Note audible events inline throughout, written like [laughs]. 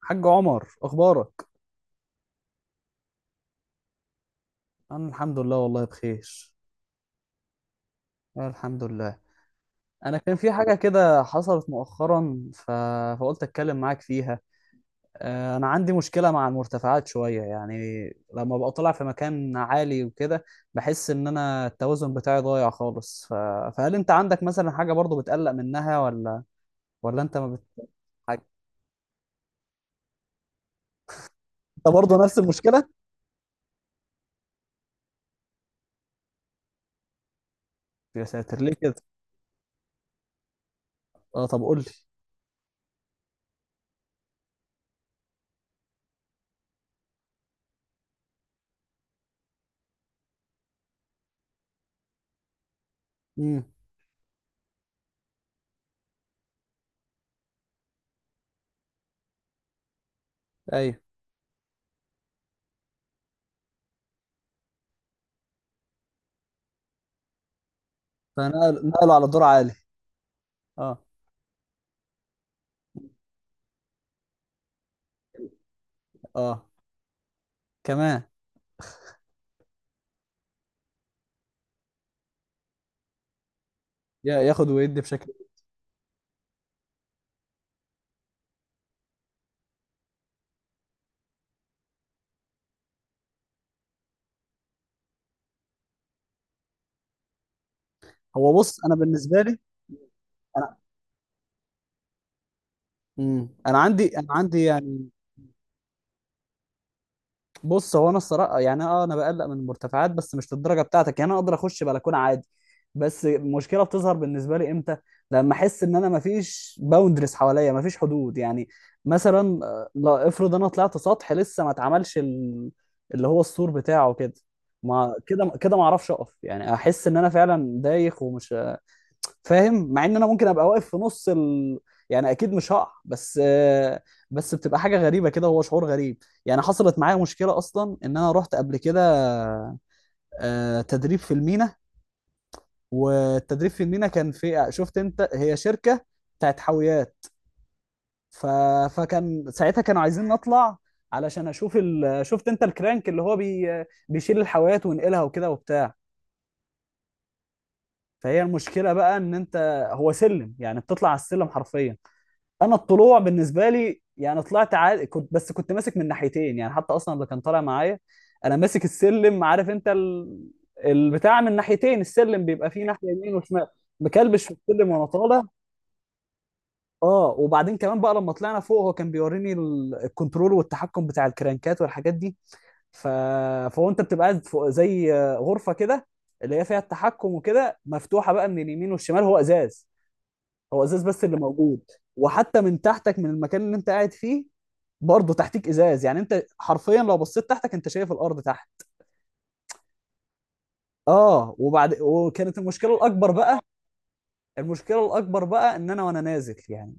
حاج عمر، اخبارك؟ انا الحمد لله، والله بخير. أنا الحمد لله. انا كان في حاجه كده حصلت مؤخرا فقلت اتكلم معاك فيها. انا عندي مشكله مع المرتفعات شويه، يعني لما ببقى طالع في مكان عالي وكده بحس ان انا التوازن بتاعي ضايع خالص، فهل انت عندك مثلا حاجه برضو بتقلق منها، ولا انت ما بت... حاجة؟ انت برضو نفس المشكله؟ يا ساتر، ليه كده؟ اه، طب قول لي. امم. ايوه. نقلوا على دور عالي؟ اه اه. كمان؟ ياخد ويدي بشكل. هو بص، انا بالنسبه لي انا. مم. انا عندي يعني، بص هو انا الصراحه يعني، اه انا بقلق من المرتفعات، بس مش للدرجه بتاعتك يعني. انا اقدر اخش بلكونه عادي، بس المشكله بتظهر بالنسبه لي امتى؟ لما احس ان انا مفيش باوندرز حواليا، مفيش حدود يعني. مثلا لا، افرض انا طلعت سطح لسه ما اتعملش اللي هو السور بتاعه كده، ما كده كده ما اعرفش اقف، يعني احس ان انا فعلا دايخ ومش فاهم، مع ان انا ممكن ابقى واقف في نص يعني اكيد مش هقع، بس بس بتبقى حاجه غريبه كده، هو شعور غريب يعني. حصلت معايا مشكله اصلا، ان انا رحت قبل كده تدريب في المينا، والتدريب في المينا كان في، شفت انت، هي شركه بتاعت حاويات، ف... فكان ساعتها كانوا عايزين نطلع علشان اشوف شفت انت الكرانك اللي هو بيشيل الحاويات وينقلها وكده وبتاع. فهي المشكله بقى، ان انت، هو سلم يعني، بتطلع على السلم حرفيا. انا الطلوع بالنسبه لي يعني طلعت عادي، كنت بس كنت ماسك من ناحيتين يعني، حتى اصلا اللي كان طالع معايا، انا ماسك السلم، عارف انت البتاع، من ناحيتين، السلم بيبقى فيه ناحيه يمين وشمال، مكلبش في السلم وانا طالع. اه، وبعدين كمان بقى لما طلعنا فوق، هو كان بيوريني الكنترول والتحكم بتاع الكرانكات والحاجات دي، ف... فهو انت بتبقى قاعد فوق زي غرفه كده، اللي هي فيها التحكم وكده، مفتوحه بقى من اليمين والشمال، هو ازاز، هو ازاز بس اللي موجود. وحتى من تحتك، من المكان اللي انت قاعد فيه، برضه تحتيك ازاز، يعني انت حرفيا لو بصيت تحتك انت شايف الارض تحت. اه، وبعد وكانت المشكله الاكبر بقى، المشكله الاكبر بقى ان انا وانا نازل يعني،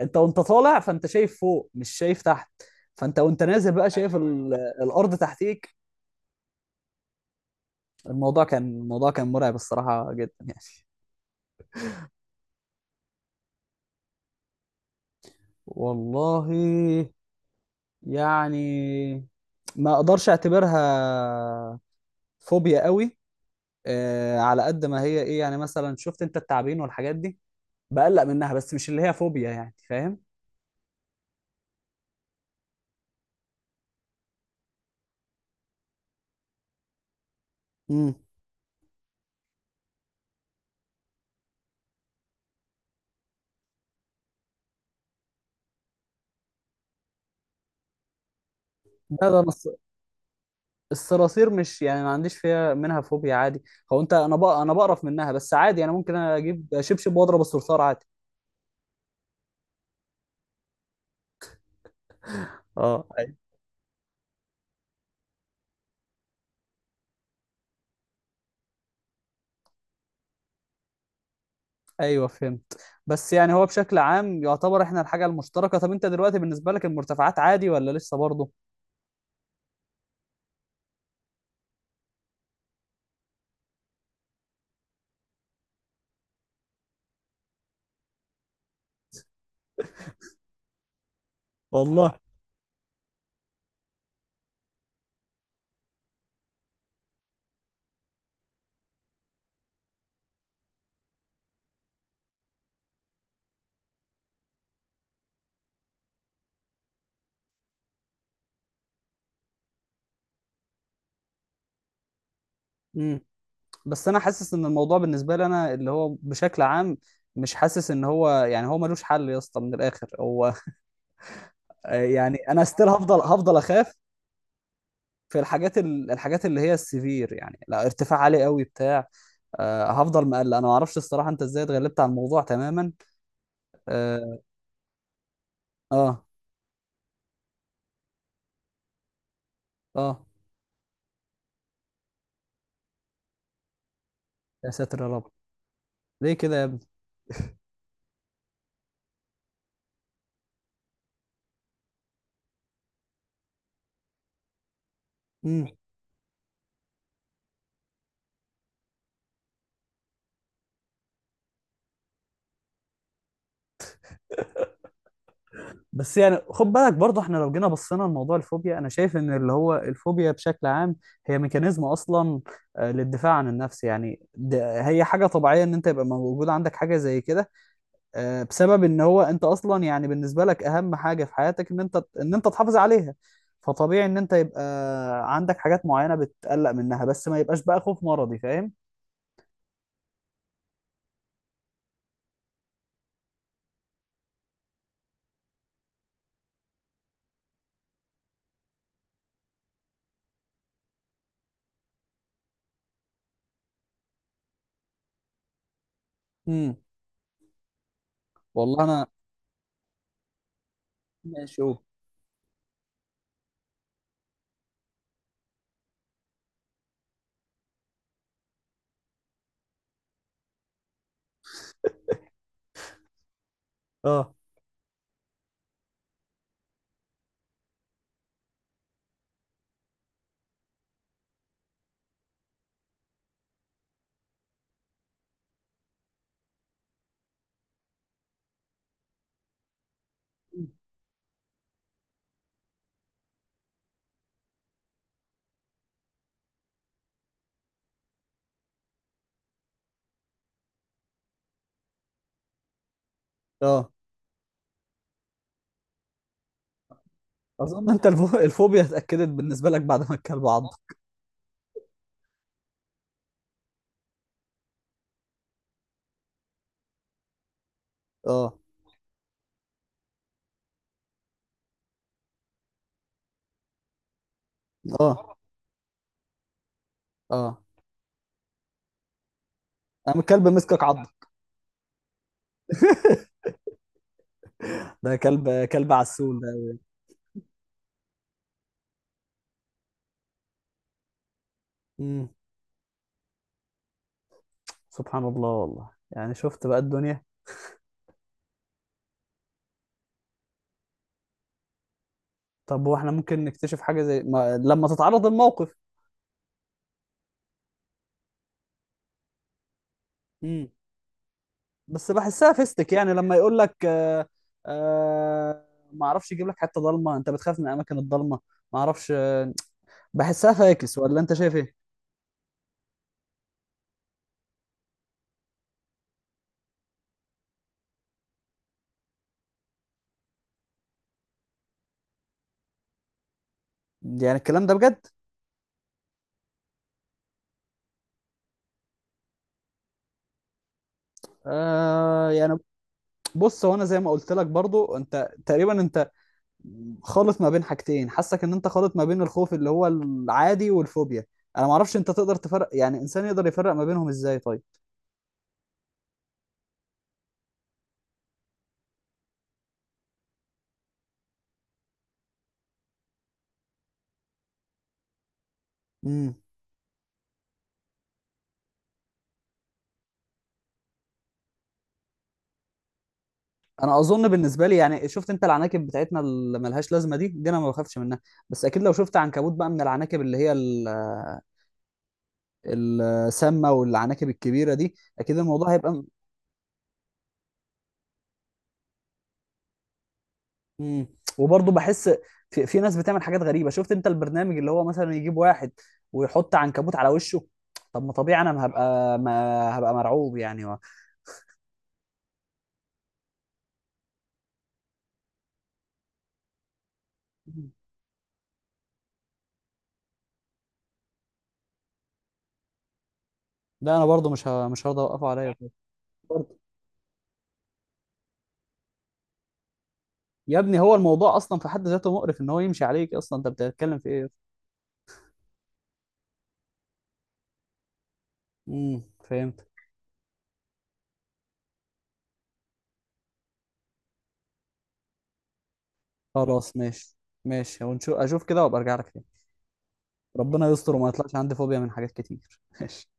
انت وانت طالع فانت شايف فوق مش شايف تحت، فانت وانت نازل بقى شايف الارض تحتيك. الموضوع كان مرعب الصراحه، جدا يعني. والله يعني، ما اقدرش اعتبرها فوبيا قوي، على قد ما هي ايه يعني، مثلا شفت انت التعابين والحاجات دي، بقلق منها بس مش اللي هي فوبيا يعني، فاهم؟ امم. لا، ده أنا الصراصير مش يعني، ما عنديش فيها، منها فوبيا عادي، هو انت، انا بقرف منها بس عادي، انا ممكن اجيب شبشب واضرب الصرصار عادي. اه أي- ايوه، فهمت. بس يعني هو بشكل عام يعتبر احنا الحاجه المشتركه. طب انت دلوقتي بالنسبه لك المرتفعات عادي، ولا لسه برضه؟ والله. امم. بس انا حاسس ان الموضوع بالنسبه لي انا اللي هو بشكل عام، مش حاسس ان هو يعني، هو ملوش حل يا اسطى من الاخر هو. [laughs] يعني انا ستيل هفضل اخاف في الحاجات الحاجات اللي هي السيفير يعني، لا ارتفاع عالي قوي بتاع، آه هفضل مقلق. انا ما اعرفش الصراحه انت ازاي اتغلبت على الموضوع تماما. اه. اه. آه. يا ساتر يا رب، ليه كده يا ابني؟ مم. بس يعني خد بالك برضه، احنا لو جينا بصينا لموضوع الفوبيا، انا شايف ان اللي هو الفوبيا بشكل عام هي ميكانيزم اصلا، للدفاع عن النفس يعني. ده هي حاجه طبيعيه ان انت يبقى موجود عندك حاجه زي كده، بسبب ان هو انت اصلا يعني بالنسبه لك اهم حاجه في حياتك ان انت، ان انت تحافظ عليها. فطبيعي ان انت يبقى عندك حاجات معينه بتقلق منها، بس ما يبقاش بقى خوف مرضي، فاهم؟ امم. والله انا. ماشي. أوه. اه اه. اظن انت الفوبيا اتاكدت بالنسبه لك بعد ما الكلب عض. اه اه. اه، قام الكلب مسكك عض؟ [laughs] ده كلب، كلب عسول ده. امم. سبحان الله، والله يعني شفت بقى الدنيا. طب واحنا ممكن نكتشف حاجه زي ما... لما تتعرض الموقف؟ امم. بس بحسها فيستك، يعني لما يقول لك آه، آه، ما اعرفش، يجيب لك حته ضلمه، انت بتخاف من الاماكن الضلمه، ما اعرفش، آه، بحسها فاكس، ولا انت شايف ايه؟ يعني الكلام ده بجد؟ آه، يعني بص هو انا زي ما قلت لك برضو، انت تقريبا انت خالط ما بين حاجتين، حاسك ان انت خالط ما بين الخوف اللي هو العادي والفوبيا. انا ما اعرفش، انت تقدر تفرق، يعني انسان يقدر يفرق ما بينهم ازاي، طيب؟ امم. انا اظن بالنسبه لي يعني، شفت انت العناكب بتاعتنا اللي ملهاش لازمه دي، انا ما بخافش منها، بس اكيد لو شفت عنكبوت بقى من العناكب اللي هي السامه والعناكب الكبيره دي، اكيد الموضوع هيبقى. امم. وبرضه بحس، في ناس بتعمل حاجات غريبه، شفت انت البرنامج اللي هو مثلا يجيب واحد ويحط عنكبوت على وشه؟ طب ما طبيعي انا ما هبقى ما هبقى مرعوب يعني لا انا برضه مش هرضى اوقفه عليا. [laughs] برضه يا ابني، هو الموضوع اصلا في حد ذاته مقرف ان هو يمشي عليك اصلا، انت بتتكلم في ايه؟ امم، فهمت. خلاص، ماشي. ماشي اشوف كده وابقى ارجع لك تاني. ربنا يستر وما يطلعش عندي فوبيا من حاجات كتير. [laughs] ماشي.